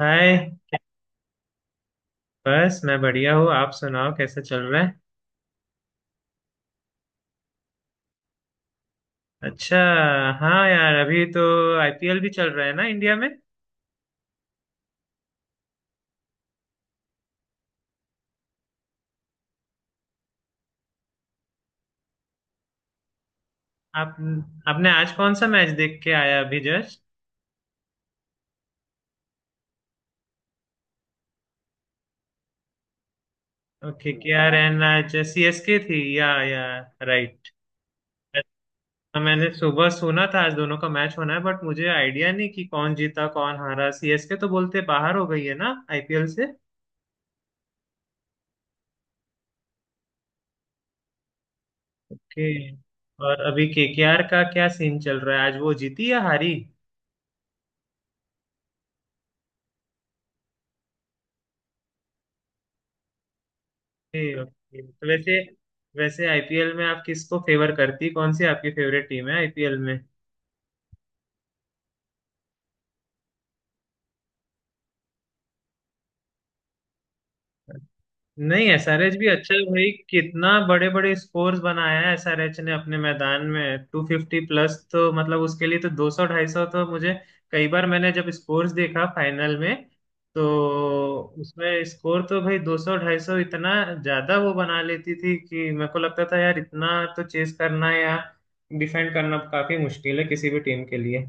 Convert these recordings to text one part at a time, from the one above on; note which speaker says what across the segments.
Speaker 1: हाय। बस, मैं बढ़िया हूँ। आप सुनाओ, कैसे चल रहा है? अच्छा। हाँ यार, अभी तो आईपीएल भी चल रहा है ना इंडिया में। आप आपने आज कौन सा मैच देख के आया अभी just? Okay, K R N, आज सीएसके थी या राइट? अच्छा, मैंने सुबह सुना था आज दोनों का मैच होना है, बट मुझे आइडिया नहीं कि कौन जीता कौन हारा। सीएसके तो बोलते बाहर हो गई है ना आईपीएल से। के। और अभी केकेआर का क्या सीन चल रहा है? आज वो जीती या हारी? ओके, ओके, तो वैसे वैसे आईपीएल में आप किसको फेवर करती? कौन सी आपकी फेवरेट टीम है आईपीएल में? नहीं, एसआरएच भी अच्छा है भाई। कितना बड़े बड़े स्कोर्स बनाया है एसआरएच ने अपने मैदान में। 250+, तो मतलब उसके लिए तो 200 250 तो मुझे कई बार, मैंने जब स्कोर्स देखा फाइनल में, तो उसमें स्कोर तो भाई 200 250 इतना ज्यादा वो बना लेती थी कि मेरे को लगता था यार, इतना तो चेस करना या डिफेंड करना काफी मुश्किल है किसी भी टीम के लिए।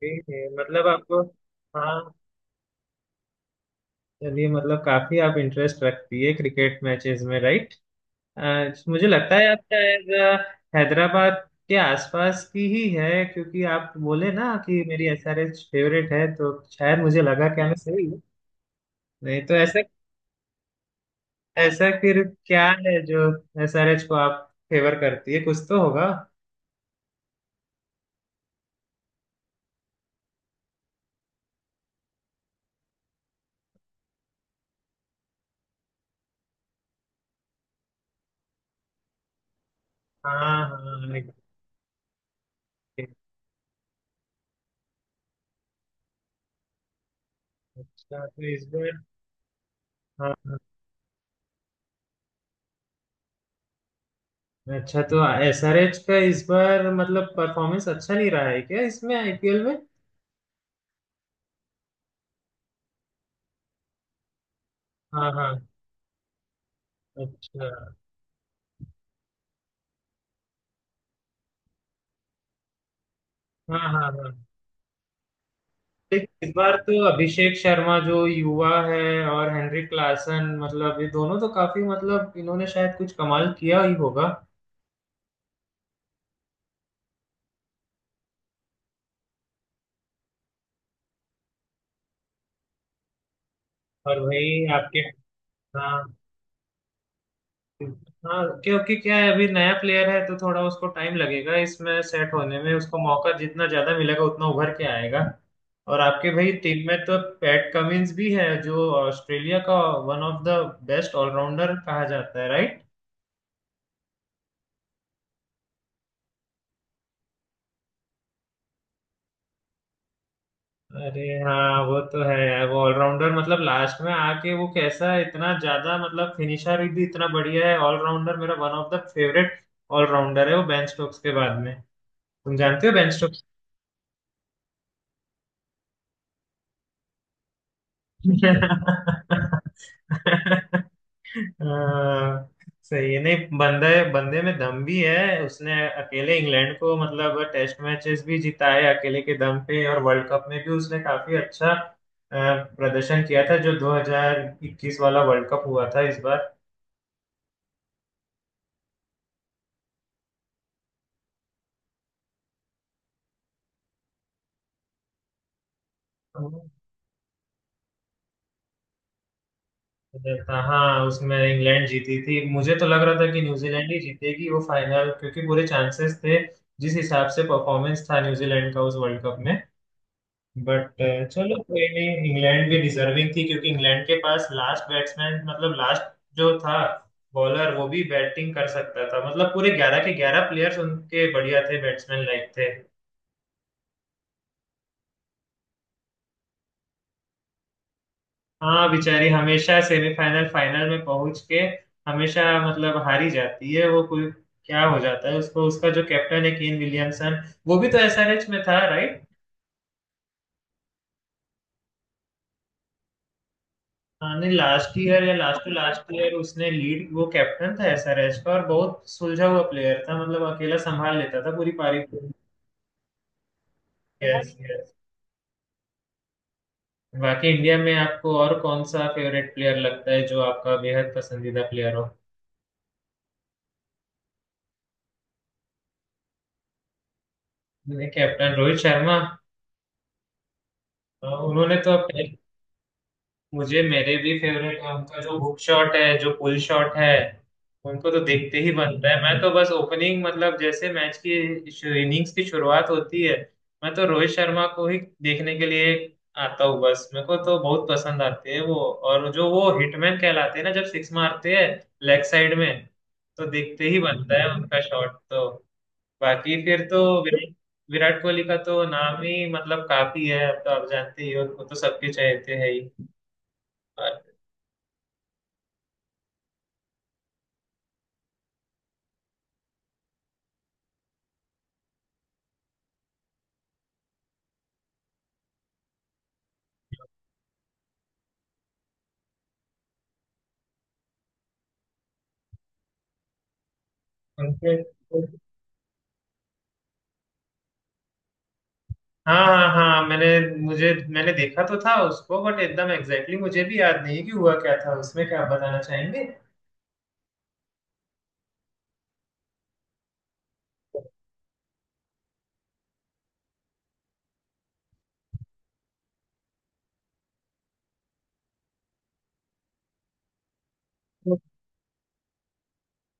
Speaker 1: ठीक है, मतलब आपको। हाँ। चलिए, मतलब काफी आप इंटरेस्ट रखती है क्रिकेट मैचेस में, राइट? मुझे लगता है आप शायद हैदराबाद के आसपास की ही है, क्योंकि आप बोले ना कि मेरी एसआरएच फेवरेट है, तो शायद मुझे लगा। क्या मैं सही हूँ? नहीं तो ऐसा। ऐसा फिर क्या है जो एसआरएच को आप फेवर करती है? कुछ तो होगा। हाँ, हाँ। अच्छा, तो इस बार। हाँ। अच्छा, तो एसआरएच का इस बार मतलब परफॉर्मेंस अच्छा नहीं रहा है क्या इसमें आईपीएल में? हाँ, हाँ। अच्छा। हाँ, हाँ, हाँ। लेकिन इस बार तो अभिषेक शर्मा जो युवा है, और हेनरी क्लासन, मतलब ये दोनों तो काफी, मतलब इन्होंने शायद कुछ कमाल किया ही होगा। और भाई आपके। हाँ, हाँ। क्योंकि क्या है, अभी नया प्लेयर है तो थोड़ा उसको टाइम लगेगा इसमें सेट होने में। उसको मौका जितना ज्यादा मिलेगा उतना उभर के आएगा। और आपके भाई टीम में तो पैट कमिंस भी है, जो ऑस्ट्रेलिया का one of the best allrounder कहा जाता है, राइट? अरे हाँ, वो तो है यार। वो ऑलराउंडर, मतलब लास्ट में आके वो कैसा इतना ज्यादा, मतलब फिनिशर भी इतना बढ़िया है। ऑलराउंडर मेरा one of the favourite allrounder है वो, बेन स्टोक्स के बाद में। तुम जानते हो बेन। अह, सही है। नहीं, बंदे बंदे में दम भी है उसने। अकेले इंग्लैंड को मतलब टेस्ट मैचेस भी जीता है अकेले के दम पे, और वर्ल्ड कप में भी उसने काफी अच्छा प्रदर्शन किया था, जो 2021 वाला वर्ल्ड कप हुआ था इस बार। था हाँ, उसमें इंग्लैंड जीती थी। मुझे तो लग रहा था कि न्यूजीलैंड ही जीतेगी वो फाइनल, क्योंकि पूरे चांसेस थे जिस हिसाब से परफॉर्मेंस था न्यूजीलैंड का उस वर्ल्ड कप में, बट चलो, कोई नहीं। इंग्लैंड भी डिजर्विंग थी, क्योंकि इंग्लैंड के पास लास्ट बैट्समैन, मतलब लास्ट जो था बॉलर, वो भी बैटिंग कर सकता था। मतलब पूरे 11 के 11 प्लेयर्स उनके बढ़िया थे, बैट्समैन लाइक थे। हाँ बेचारी, हमेशा सेमीफाइनल फाइनल में पहुंच के हमेशा, मतलब हारी जाती है वो कोई। क्या हो जाता है उसको? उसका जो कैप्टन है केन विलियमसन, वो भी तो एसआरएच में था, right? हाँ नहीं, लास्ट ईयर या लास्ट टू लास्ट ईयर उसने लीड, वो कैप्टन था एसआरएच का, और बहुत सुलझा हुआ प्लेयर था, मतलब अकेला संभाल लेता था पूरी पारी को। Yes, yes. बाकी इंडिया में आपको और कौन सा फेवरेट प्लेयर लगता है, जो आपका बेहद पसंदीदा प्लेयर हो? मैंने कैप्टन रोहित शर्मा। उन्होंने तो अब। मुझे, मेरे भी फेवरेट है उनका। जो हुक शॉट है, जो पुल शॉट है, उनको तो देखते ही बनता है। मैं तो बस ओपनिंग, मतलब जैसे मैच की इनिंग्स की शुरुआत होती है, मैं तो रोहित शर्मा को ही देखने के लिए आता हूँ। बस मेरे को तो बहुत पसंद आते हैं वो। और जो वो हिटमैन कहलाते हैं ना, जब सिक्स मारते हैं लेग साइड में, तो देखते ही बनता है उनका शॉट तो। बाकी फिर तो विराट विराट कोहली का तो नाम ही मतलब काफी है। तो आप जानते ही हो उनको तो, सबके चाहते हैं ही। उनके। हाँ, हाँ, हाँ। मैंने, मुझे मैंने देखा तो था उसको, बट एकदम एग्जैक्टली मुझे भी याद नहीं कि हुआ क्या था उसमें। क्या आप बताना चाहेंगे?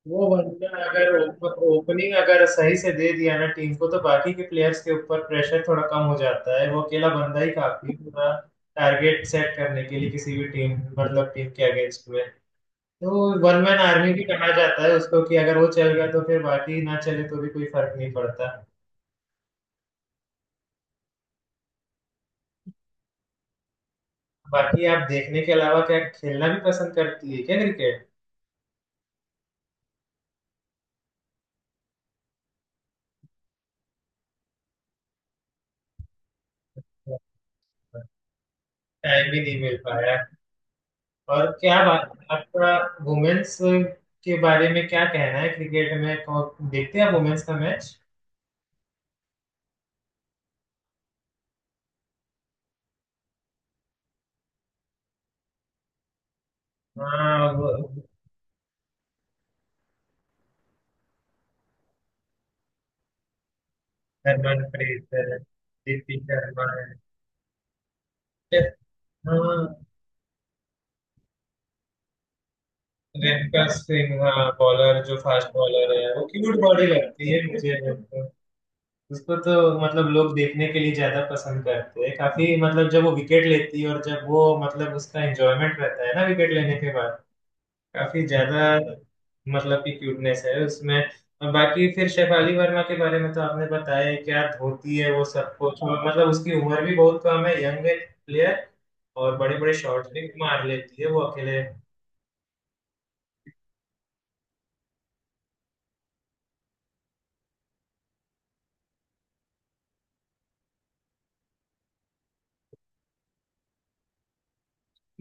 Speaker 1: वो बंदा अगर ओपनिंग अगर सही से दे दिया ना टीम को, तो बाकी के प्लेयर्स के ऊपर प्रेशर थोड़ा कम हो जाता है। वो अकेला बंदा ही काफी है पूरा टारगेट सेट करने के लिए किसी भी टीम, मतलब टीम के अगेंस्ट में। तो वन मैन आर्मी भी कहा जाता है उसको, कि अगर वो चल गया तो फिर बाकी ना चले तो भी कोई फर्क नहीं पड़ता। बाकी आप देखने के अलावा क्या खेलना भी पसंद करती है क्या क्रिकेट? टाइम भी नहीं मिल पाया। और क्या बात आपका वुमेन्स के बारे में क्या कहना है क्रिकेट में? देखते हैं आप वुमेन्स का मैच? हाँ, वो हरमनप्रीत है, दीप्ति शर्मा है। हाँ, रेणुका सिंह, हाँ बॉलर, जो फास्ट बॉलर है, वो क्यूट बॉडी लगती है मुझे। उसको तो, मतलब लोग देखने के लिए ज्यादा पसंद करते हैं काफी, मतलब जब वो विकेट लेती है, और जब वो, मतलब उसका एंजॉयमेंट रहता है ना विकेट लेने के बाद, काफी ज्यादा, मतलब की क्यूटनेस है उसमें। और बाकी फिर शेफाली वर्मा के बारे में तो आपने बताया ही, क्या धोती है वो सब कुछ। और मतलब उसकी उम्र भी बहुत कम है, यंग प्लेयर, और बड़े बड़े शॉट भी मार लेती है वो अकेले।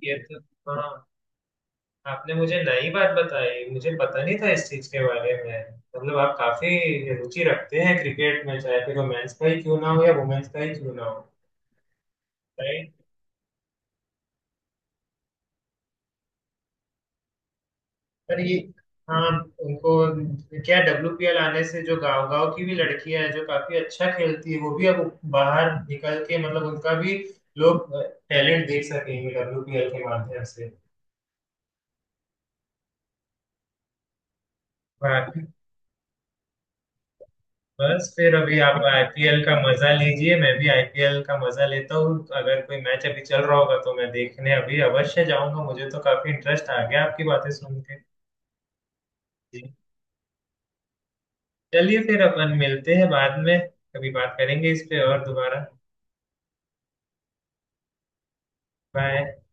Speaker 1: ये तो। हाँ, आपने मुझे नई बात बताई, मुझे पता नहीं था इस चीज के बारे में। मतलब आप काफी रुचि रखते हैं क्रिकेट में, चाहे फिर वो मेंस का ही क्यों ना हो या वुमेन्स का ही क्यों ना हो। राइट। पर ये। हाँ। उनको। क्या डब्ल्यूपीएल आने से जो गांव गांव की भी लड़कियां हैं जो काफी अच्छा खेलती है, वो भी अब बाहर निकल के, मतलब उनका भी लोग टैलेंट देख सकेंगे डब्ल्यूपीएल के माध्यम से। वाह। बस फिर अभी आप आईपीएल का मजा लीजिए, मैं भी आईपीएल का मजा लेता हूँ। अगर कोई मैच अभी चल रहा होगा तो मैं देखने अभी अवश्य जाऊंगा। मुझे तो काफी इंटरेस्ट आ गया आपकी बातें सुन के। जी। चलिए फिर, अपन मिलते हैं बाद में। कभी बात करेंगे इस पे और दोबारा। बाय।